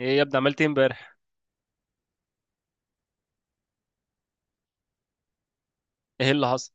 ايه يا ابني؟ عملت ايه امبارح؟ ايه اللي حصل؟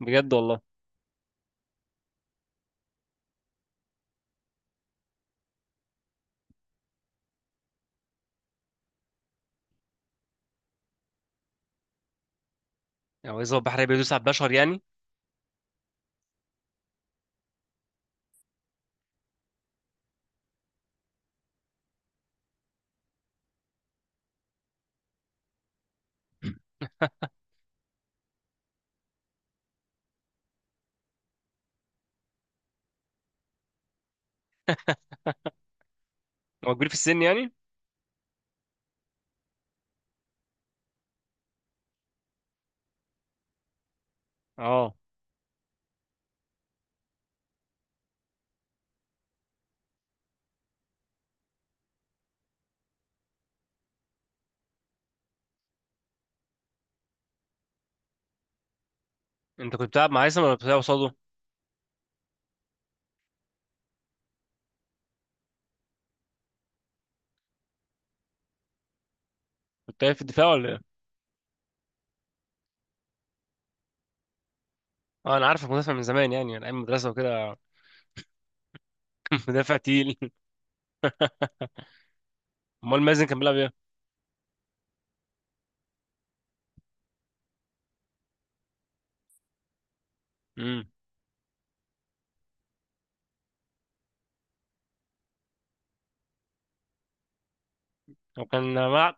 بجد والله. يعني هو البحر هيبقى بيدوس على البشر يعني؟ هو كبير في السن يعني؟ اه، انت كنت بتلعب مع هيثم ولا كنت بتلعب قصاده؟ كنت قايل في الدفاع ولا ايه؟ اه، انا عارفك مدافع من زمان، يعني من ايام المدرسه وكده. مدافع تقيل. امال مازن كان بيلعب ايه؟ امم. هو كان ملعب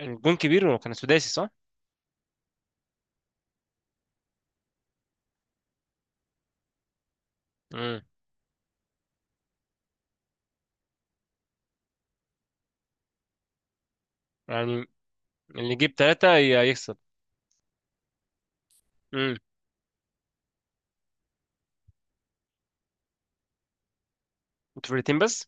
الجون كبير وكان سداسي صح؟ امم، يعني اللي يجيب ثلاثه يكسب. امم. انتوا فرقتين بس؟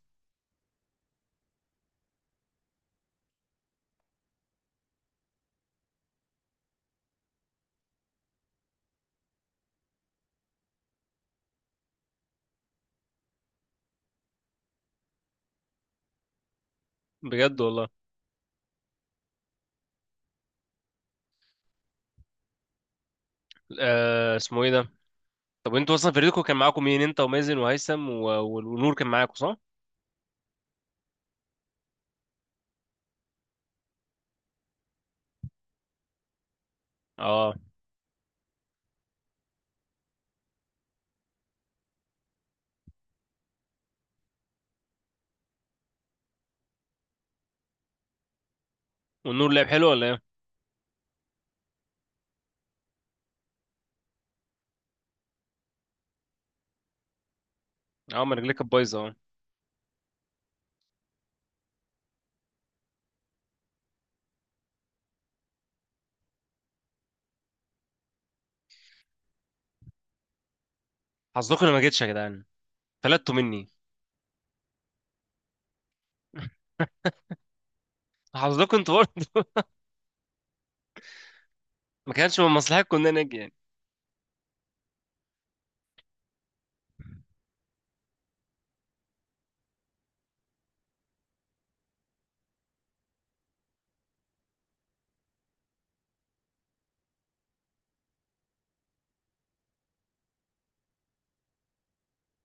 بجد والله. اسمه ايه ده؟ طب انتوا اصلا فريقكم كان معاكم مين؟ انت ومازن وهيثم ونور كان معاكم صح؟ اه، والنور لعب حلو ولا ايه؟ اه، ما رجليك كانت بايظه اه. حظكم انا ما جيتش يا جدعان، فلتوا مني. حظكم انتوا برضه. ما كانش من مصلحتكم ان انا اجي يعني.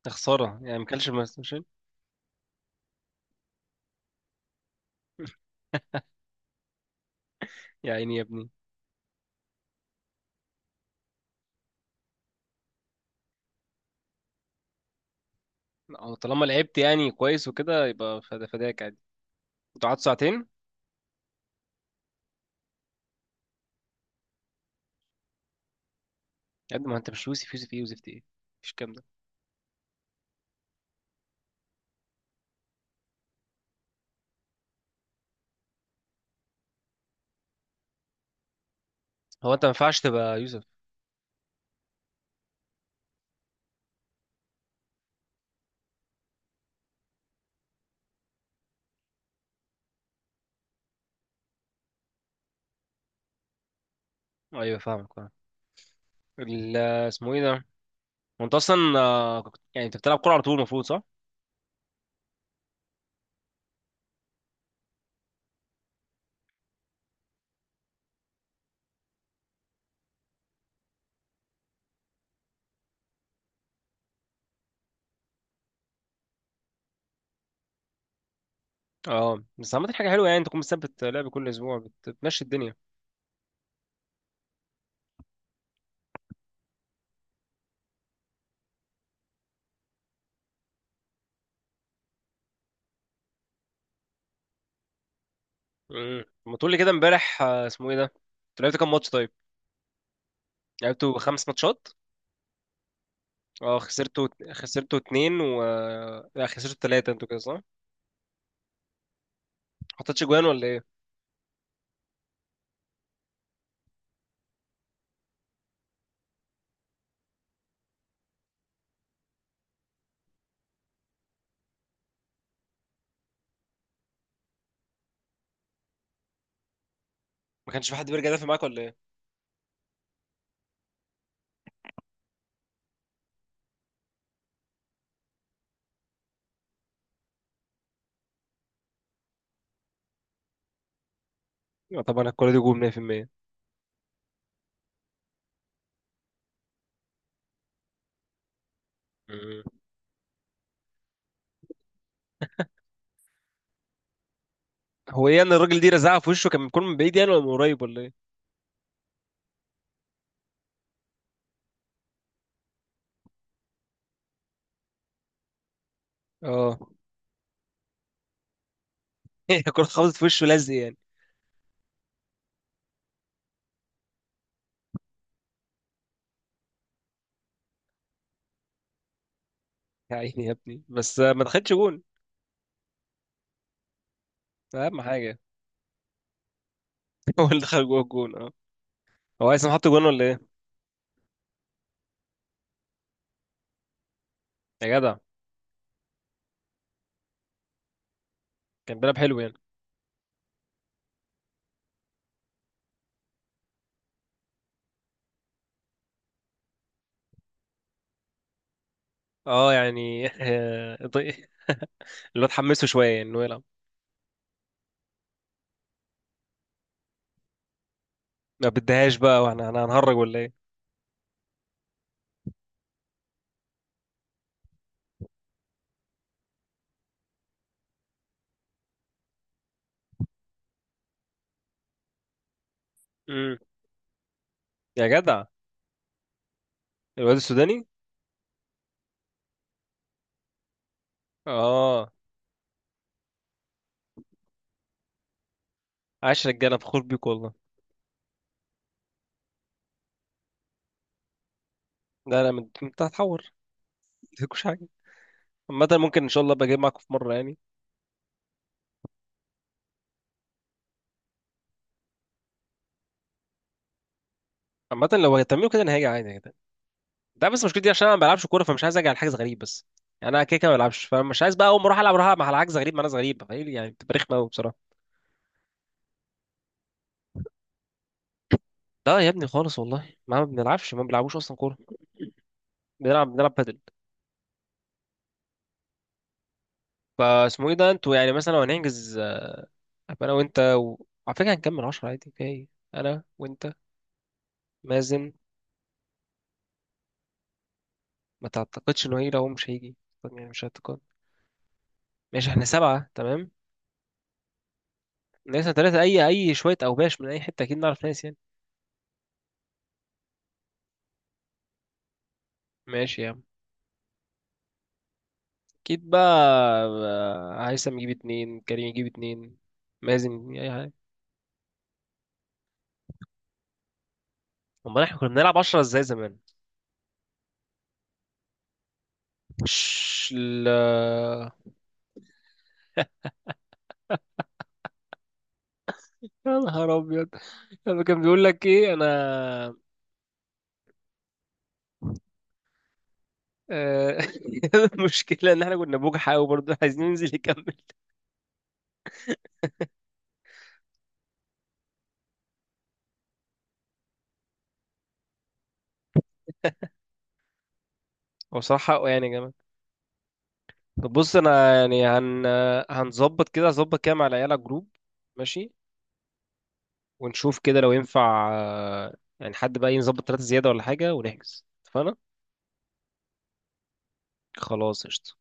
يا خساره، يعني ما كانش من مصلحتكم. يا عيني يا ابني. أو طالما لعبت يعني كويس وكده، يبقى فدا فداك عادي. انتوا قعدتوا ساعتين؟ يا ابني ما انت مش يوسف، يوسف ايه يوسف ايه؟ مفيش الكلام ده. هو انت ما ينفعش تبقى يوسف؟ ايوه، فاهمك اه. ال- اسمه ايه ده؟ هو انت اصلا، يعني انت بتلعب كوره على طول المفروض صح؟ اه، بس عملت حاجه حلوه، يعني انت تكون مثبت لعب كل اسبوع، بتمشي الدنيا. امم، ما تقول لي كده امبارح، اسمه ايه ده، انتوا لعبتوا كام ماتش طيب؟ لعبتوا خمس ماتشات؟ اه، خسرتوا اتنين و... لا، خسرتوا تلاتة انتوا كده صح، ما حطيتش جوان ولا ايه؟ ما كانش في حد بيرجع يدافع معاك ولا ايه؟ لا طبعا الكوره دي جول 100%. امم. هو ايه ان الراجل دي رزعها في وشه كان بيكون من بعيد يعني ولا من قريب ولا ايه؟ اه. هي الكوره خبطت في وشه لزق يعني. يا عيني يا ابني، بس ما دخلتش جون؟ اهم حاجه. هو اللي دخل جوه الجون اه. هو عايز حط جون ولا ايه؟ يا جدع. كان بيلعب حلو يعني؟ اه، يعني. اللي هو اتحمسوا شويه انه يلعب. ما بديهاش بقى، واحنا هنهرج ولا ايه؟ امم. يا جدع. الواد السوداني؟ اه. عاش رجاله، فخور بيك والله. لا لا، انت هتحور، مفيش حاجه. عامه ممكن ان شاء الله ابقى اجي معاكم في مره يعني. عامه لو هتعملوا كده، انا هاجي عادي كده. ده بس مشكلتي عشان انا ما بلعبش كوره، فمش عايز اجي على حاجه غريب بس. يعني انا كده كده ما بلعبش، فمش عايز بقى اول ما اروح العب، اروح العب مع حاجه غريب مع ناس غريبه، فايه يعني، بتبقى رخمه قوي بصراحه. لا يا ابني، خالص والله، ما بنلعبش، ما بنلعبوش اصلا كوره. بنلعب بادل. فاسمه ايه ده، انتوا يعني مثلا لو هنحجز، أبقى انا وانت على فكره هنكمل عشرة عادي، فيها ايه؟ انا وانت مازن. ما تعتقدش انه هيجي؟ لو هو مش هيجي. طب يعني مش هتقد ماشي، احنا سبعه تمام. ناقصنا ثلاثه اي شويه اوباش من اي حته، اكيد نعرف ناس يعني. ماشي يا عم. اكيد بقى. بقى هيثم يجيب اتنين، كريم يجيب اتنين، مازن يجيب اي حاجه. امال احنا كنا بنلعب عشرة ازاي زمان؟ مش ال يا نهار ابيض، لما كان بيقول لك ايه انا، آه، المشكله ان احنا كنا بوجع قوي برضه عايزين ننزل يكمل. هو صراحة حقه يعني يا جماعة. طب بص أنا يعني، هن آه، هنظبط كده، هظبط كده مع العيال على جروب. ماشي. ونشوف كده لو ينفع، يعني حد بقى ينظبط تلاتة زيادة ولا حاجة ونحجز، اتفقنا؟ خلاص قشطة.